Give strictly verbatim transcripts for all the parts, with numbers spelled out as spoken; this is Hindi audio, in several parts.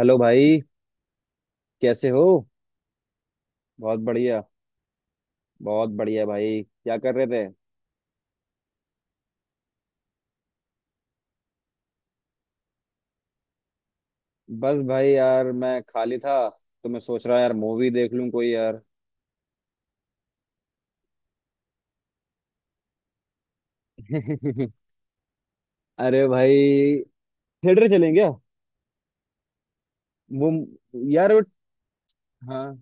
हेलो भाई। कैसे हो। बहुत बढ़िया। बहुत बढ़िया भाई क्या कर रहे थे। बस भाई यार मैं खाली था तो मैं सोच रहा यार मूवी देख लूं कोई यार। अरे भाई। थिएटर चलें क्या। वो यार वो। हाँ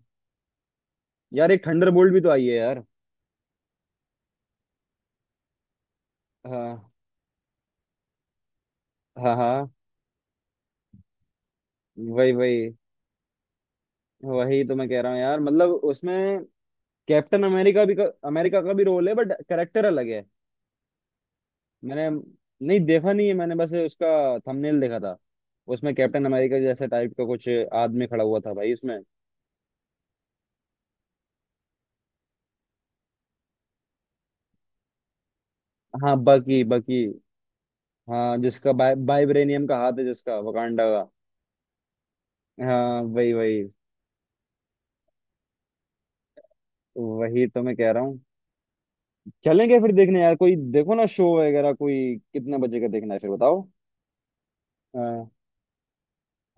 यार एक थंडर बोल्ट भी तो आई है यार। हाँ हाँ हाँ, वही वही। वही तो मैं कह रहा हूँ यार, मतलब उसमें कैप्टन अमेरिका भी का, अमेरिका का भी रोल है बट करेक्टर अलग है। मैंने नहीं देखा नहीं है, मैंने बस उसका थंबनेल देखा था। उसमें कैप्टन अमेरिका जैसे टाइप का कुछ आदमी खड़ा हुआ था भाई उसमें। हाँ, बकी बकी। हाँ, जिसका बाइ, बाइब्रेनियम का हाथ है, जिसका वकांडा का। हाँ वही वही। वही तो मैं कह रहा हूँ। चलेंगे फिर देखने यार, कोई देखो ना शो वगैरह, कोई कितने बजे का देखना है फिर बताओ। हाँ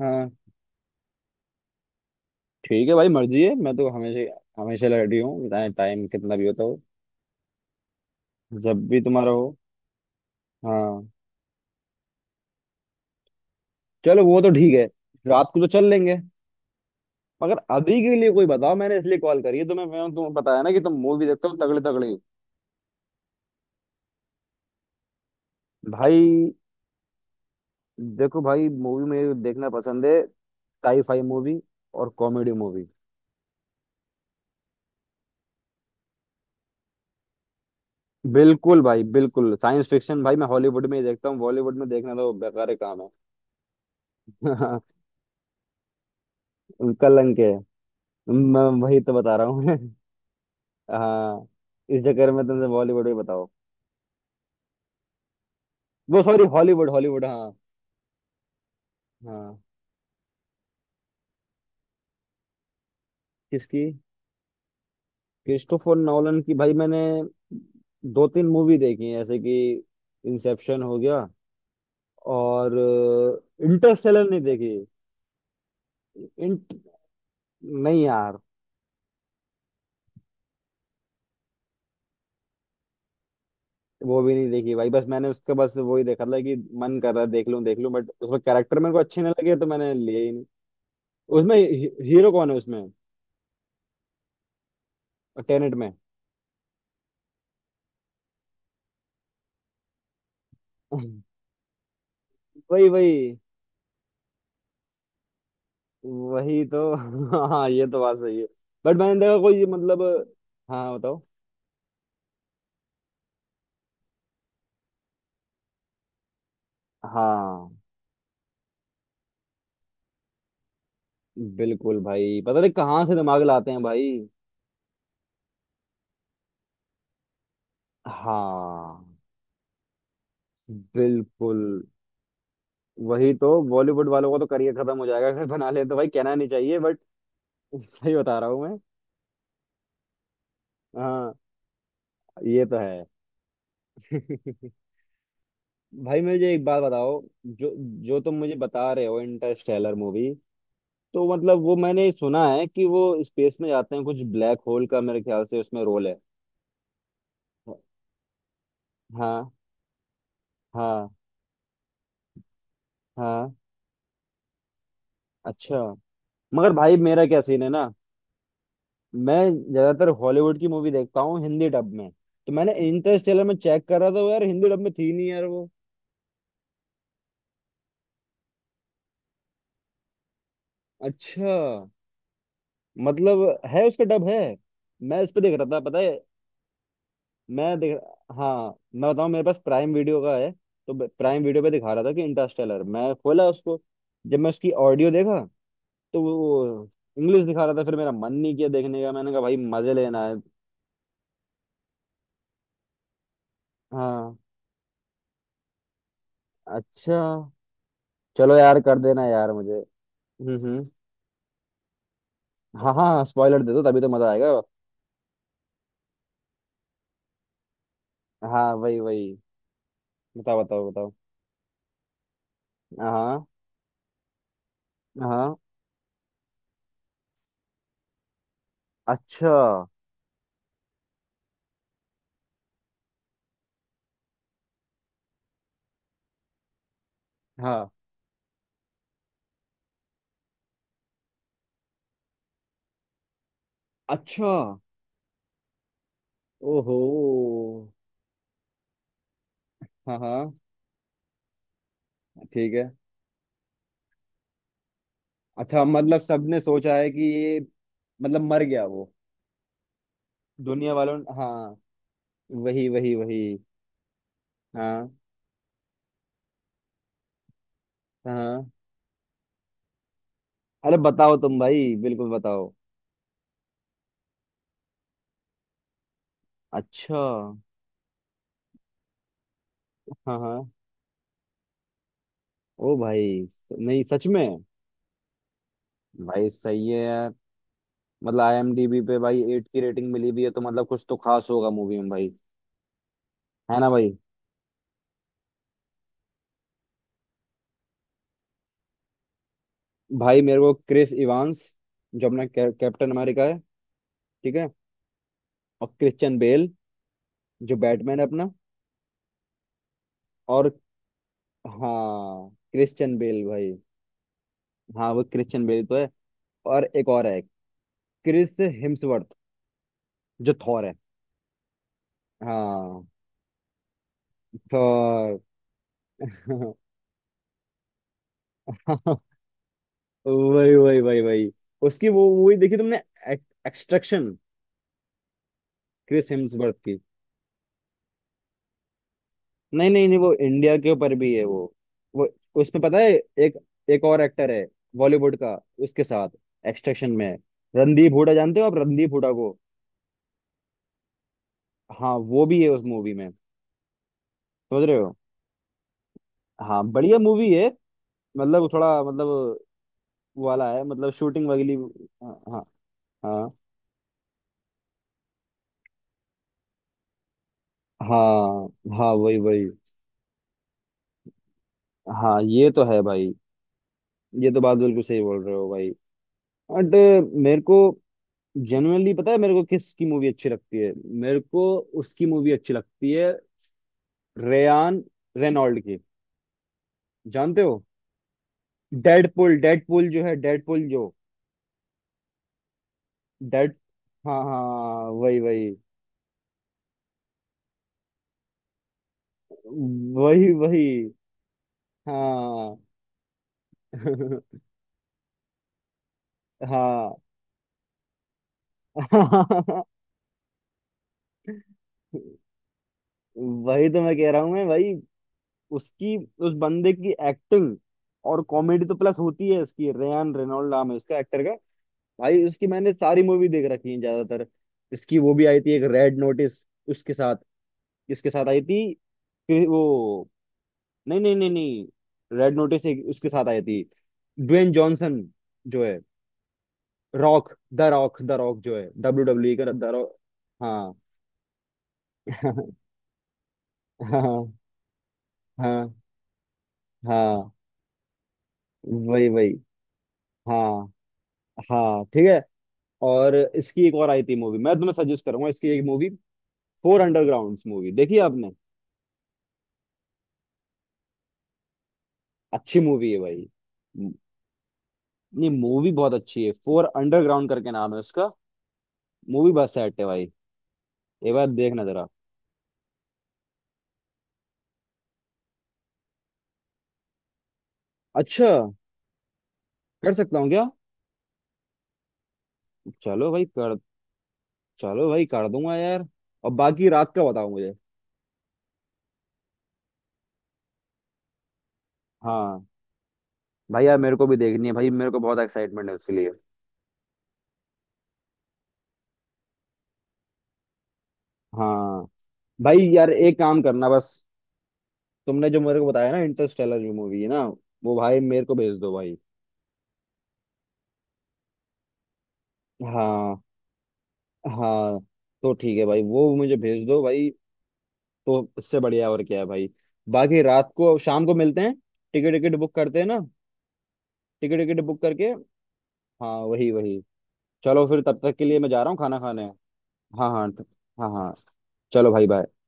हाँ, ठीक है भाई, मर्जी है। मैं तो हमेशा हमेशा रेडी हूँ, चाहे टाइम कितना भी होता हो। जब भी तुम्हारा हो। हाँ, चलो वो तो ठीक है। रात को तो चल लेंगे। मगर अभी के लिए कोई बताओ, मैंने इसलिए कॉल करी है तुम्हें, मैं तुम्हें बताया ना कि तुम मूवी देखते हो तगड़े तगड़े। भाई देखो भाई, मूवी मुझे देखना पसंद है। साई फाई मूवी और कॉमेडी मूवी। बिल्कुल भाई, बिल्कुल साइंस फिक्शन। भाई मैं हॉलीवुड में ही देखता हूँ, बॉलीवुड में देखना तो बेकार काम है। कलंक है। मैं वही तो बता रहा हूँ। हाँ, इस चक्कर में तुमसे बॉलीवुड भी बताओ। वो सॉरी, हॉलीवुड हॉलीवुड, हाँ। हाँ किसकी। क्रिस्टोफर नॉलन की भाई, मैंने दो तीन मूवी देखी है जैसे कि इंसेप्शन हो गया और इंटरस्टेलर नहीं देखी। इंट नहीं यार, वो भी नहीं देखी भाई। बस मैंने उसका बस वो ही देखा था कि मन कर रहा है देख लूं देख लूं, बट उसमें कैरेक्टर मेरे को अच्छे नहीं लगे तो मैंने लिए ही नहीं। उसमें ही, हीरो कौन है उसमें। टेनेट में। वही वही। वही तो। हाँ, ये तो बात सही है। बट मैंने देखा कोई मतलब। हाँ बताओ। हाँ बिल्कुल भाई, पता नहीं कहाँ से दिमाग लाते हैं भाई। हाँ बिल्कुल। वही तो, बॉलीवुड वालों का तो करियर खत्म हो जाएगा अगर बना ले तो। भाई कहना नहीं चाहिए बट। सही बता रहा हूँ मैं। हाँ ये तो है। भाई मुझे एक बात बताओ। जो जो तुम मुझे बता रहे हो इंटरस्टेलर मूवी, तो मतलब वो मैंने सुना है कि वो स्पेस में जाते हैं, कुछ ब्लैक होल का मेरे ख्याल से उसमें रोल है। हाँ हाँ हाँ। अच्छा। मगर भाई मेरा क्या सीन है ना, मैं ज्यादातर हॉलीवुड की मूवी देखता हूँ हिंदी डब में। तो मैंने इंटरस्टेलर में चेक करा था, वो यार हिंदी डब में थी नहीं यार वो। अच्छा, मतलब है, उसका डब है। मैं इस पे देख रहा था, पता है। मैं देख हाँ, मैं बताऊँ, मेरे पास प्राइम वीडियो का है। तो प्राइम वीडियो पे दिखा रहा था कि इंटरस्टेलर, मैं खोला उसको। जब मैं उसकी ऑडियो देखा, तो वो इंग्लिश दिखा रहा था। फिर मेरा मन नहीं किया देखने का, मैंने कहा भाई मजे लेना है। हाँ। अच्छा। चलो यार कर देना यार मुझे। हम्म हम्म। हाँ हाँ, स्पॉइलर दे दो तभी तो मजा आएगा। हाँ वही वही। बताओ बताओ बताओ। हाँ हाँ। अच्छा। हाँ। अच्छा। ओहो। हाँ हाँ, ठीक है। अच्छा, मतलब सबने सोचा है कि ये मतलब मर गया वो। दुनिया वालों ने, हाँ। वही वही वही। हाँ हाँ, अरे बताओ तुम भाई, बिल्कुल बताओ। अच्छा हाँ। हाँ ओ भाई, स- नहीं सच में। भाई सही है। मतलब आईएमडीबी पे भाई एट की रेटिंग मिली भी है तो मतलब कुछ तो खास होगा मूवी में भाई। है ना भाई। भाई मेरे को क्रिस इवांस, जो अपना कै, कैप्टन अमेरिका है। ठीक है। और क्रिश्चियन बेल, जो बैटमैन है अपना। और हाँ, क्रिश्चियन बेल भाई। हाँ, वो क्रिश्चियन बेल तो है। और एक और है, क्रिस हिम्सवर्थ, जो थॉर है। हाँ थॉर। वही वही वही वही। उसकी वो मूवी देखी तुमने, एक्सट्रैक्शन, क्रिस हिम्सवर्थ की। नहीं नहीं नहीं, वो इंडिया के ऊपर भी है वो। वो उसमें पता है, एक एक और एक्टर है बॉलीवुड का उसके साथ, एक्सट्रैक्शन में, रणदीप हुडा, जानते हो आप रणदीप हुडा को। हाँ, वो भी है उस मूवी में। समझ रहे हो। हाँ, बढ़िया मूवी है। मतलब थोड़ा, मतलब वाला है, मतलब शूटिंग वगैरह। हाँ हाँ हाँ हाँ वही वही। हाँ, ये तो है भाई। ये तो बात बिल्कुल सही बोल रहे हो भाई। बट मेरे को जनरली, पता है मेरे को किसकी मूवी अच्छी लगती है, मेरे को उसकी मूवी अच्छी लगती है, रेयान रेनॉल्ड की, जानते हो। डेडपुल, डेडपुल जो है, डेडपुल जो डेड हाँ हाँ, वही वही वही वही। हाँ। हाँ। वही तो मैं कह रहा हूँ मैं भाई। उसकी उस बंदे की एक्टिंग और कॉमेडी तो प्लस होती है इसकी। रेयान रेनॉल्ड नाम है उसका, एक्टर का। भाई उसकी मैंने सारी मूवी देख रखी है ज्यादातर। इसकी वो भी आई थी एक, रेड नोटिस, उसके साथ, इसके साथ आई थी। फिर वो नहीं नहीं नहीं नहीं, रेड नोटिस एक उसके साथ आई थी, ड्वेन जॉनसन जो है, Rock, the Rock, the Rock जो है डब्ल्यू डब्ल्यू का द रॉक। हाँ। हाँ हाँ हाँ वही वही। हाँ हाँ ठीक है। और इसकी एक और आई थी मूवी, मैं तुम्हें सजेस्ट करूंगा इसकी एक मूवी। फोर अंडरग्राउंड, मूवी देखी है आपने। अच्छी मूवी है भाई। नहीं, मूवी बहुत अच्छी है, फोर अंडरग्राउंड करके नाम है उसका। मूवी बहुत सेट है भाई। एक बार देखना जरा। अच्छा, कर सकता हूँ क्या। चलो भाई कर। चलो भाई कर दूंगा यार। और बाकी रात का बताओ मुझे। हाँ भाई यार, मेरे को भी देखनी है भाई, मेरे को बहुत एक्साइटमेंट है उसके लिए। हाँ भाई यार, एक काम करना बस। तुमने जो मेरे को बताया ना, इंटरस्टेलर जो मूवी है ना, वो भाई मेरे को भेज दो भाई। हाँ हाँ, तो ठीक है भाई, वो मुझे भेज दो भाई। तो इससे बढ़िया और क्या है भाई। बाकी रात को शाम को मिलते हैं। टिकट, टिकट बुक करते हैं ना। टिकट, टिकट बुक करके। हाँ वही वही। चलो फिर तब तक के लिए मैं जा रहा हूँ खाना खाने। हाँ हाँ। हाँ हाँ, चलो भाई बाय।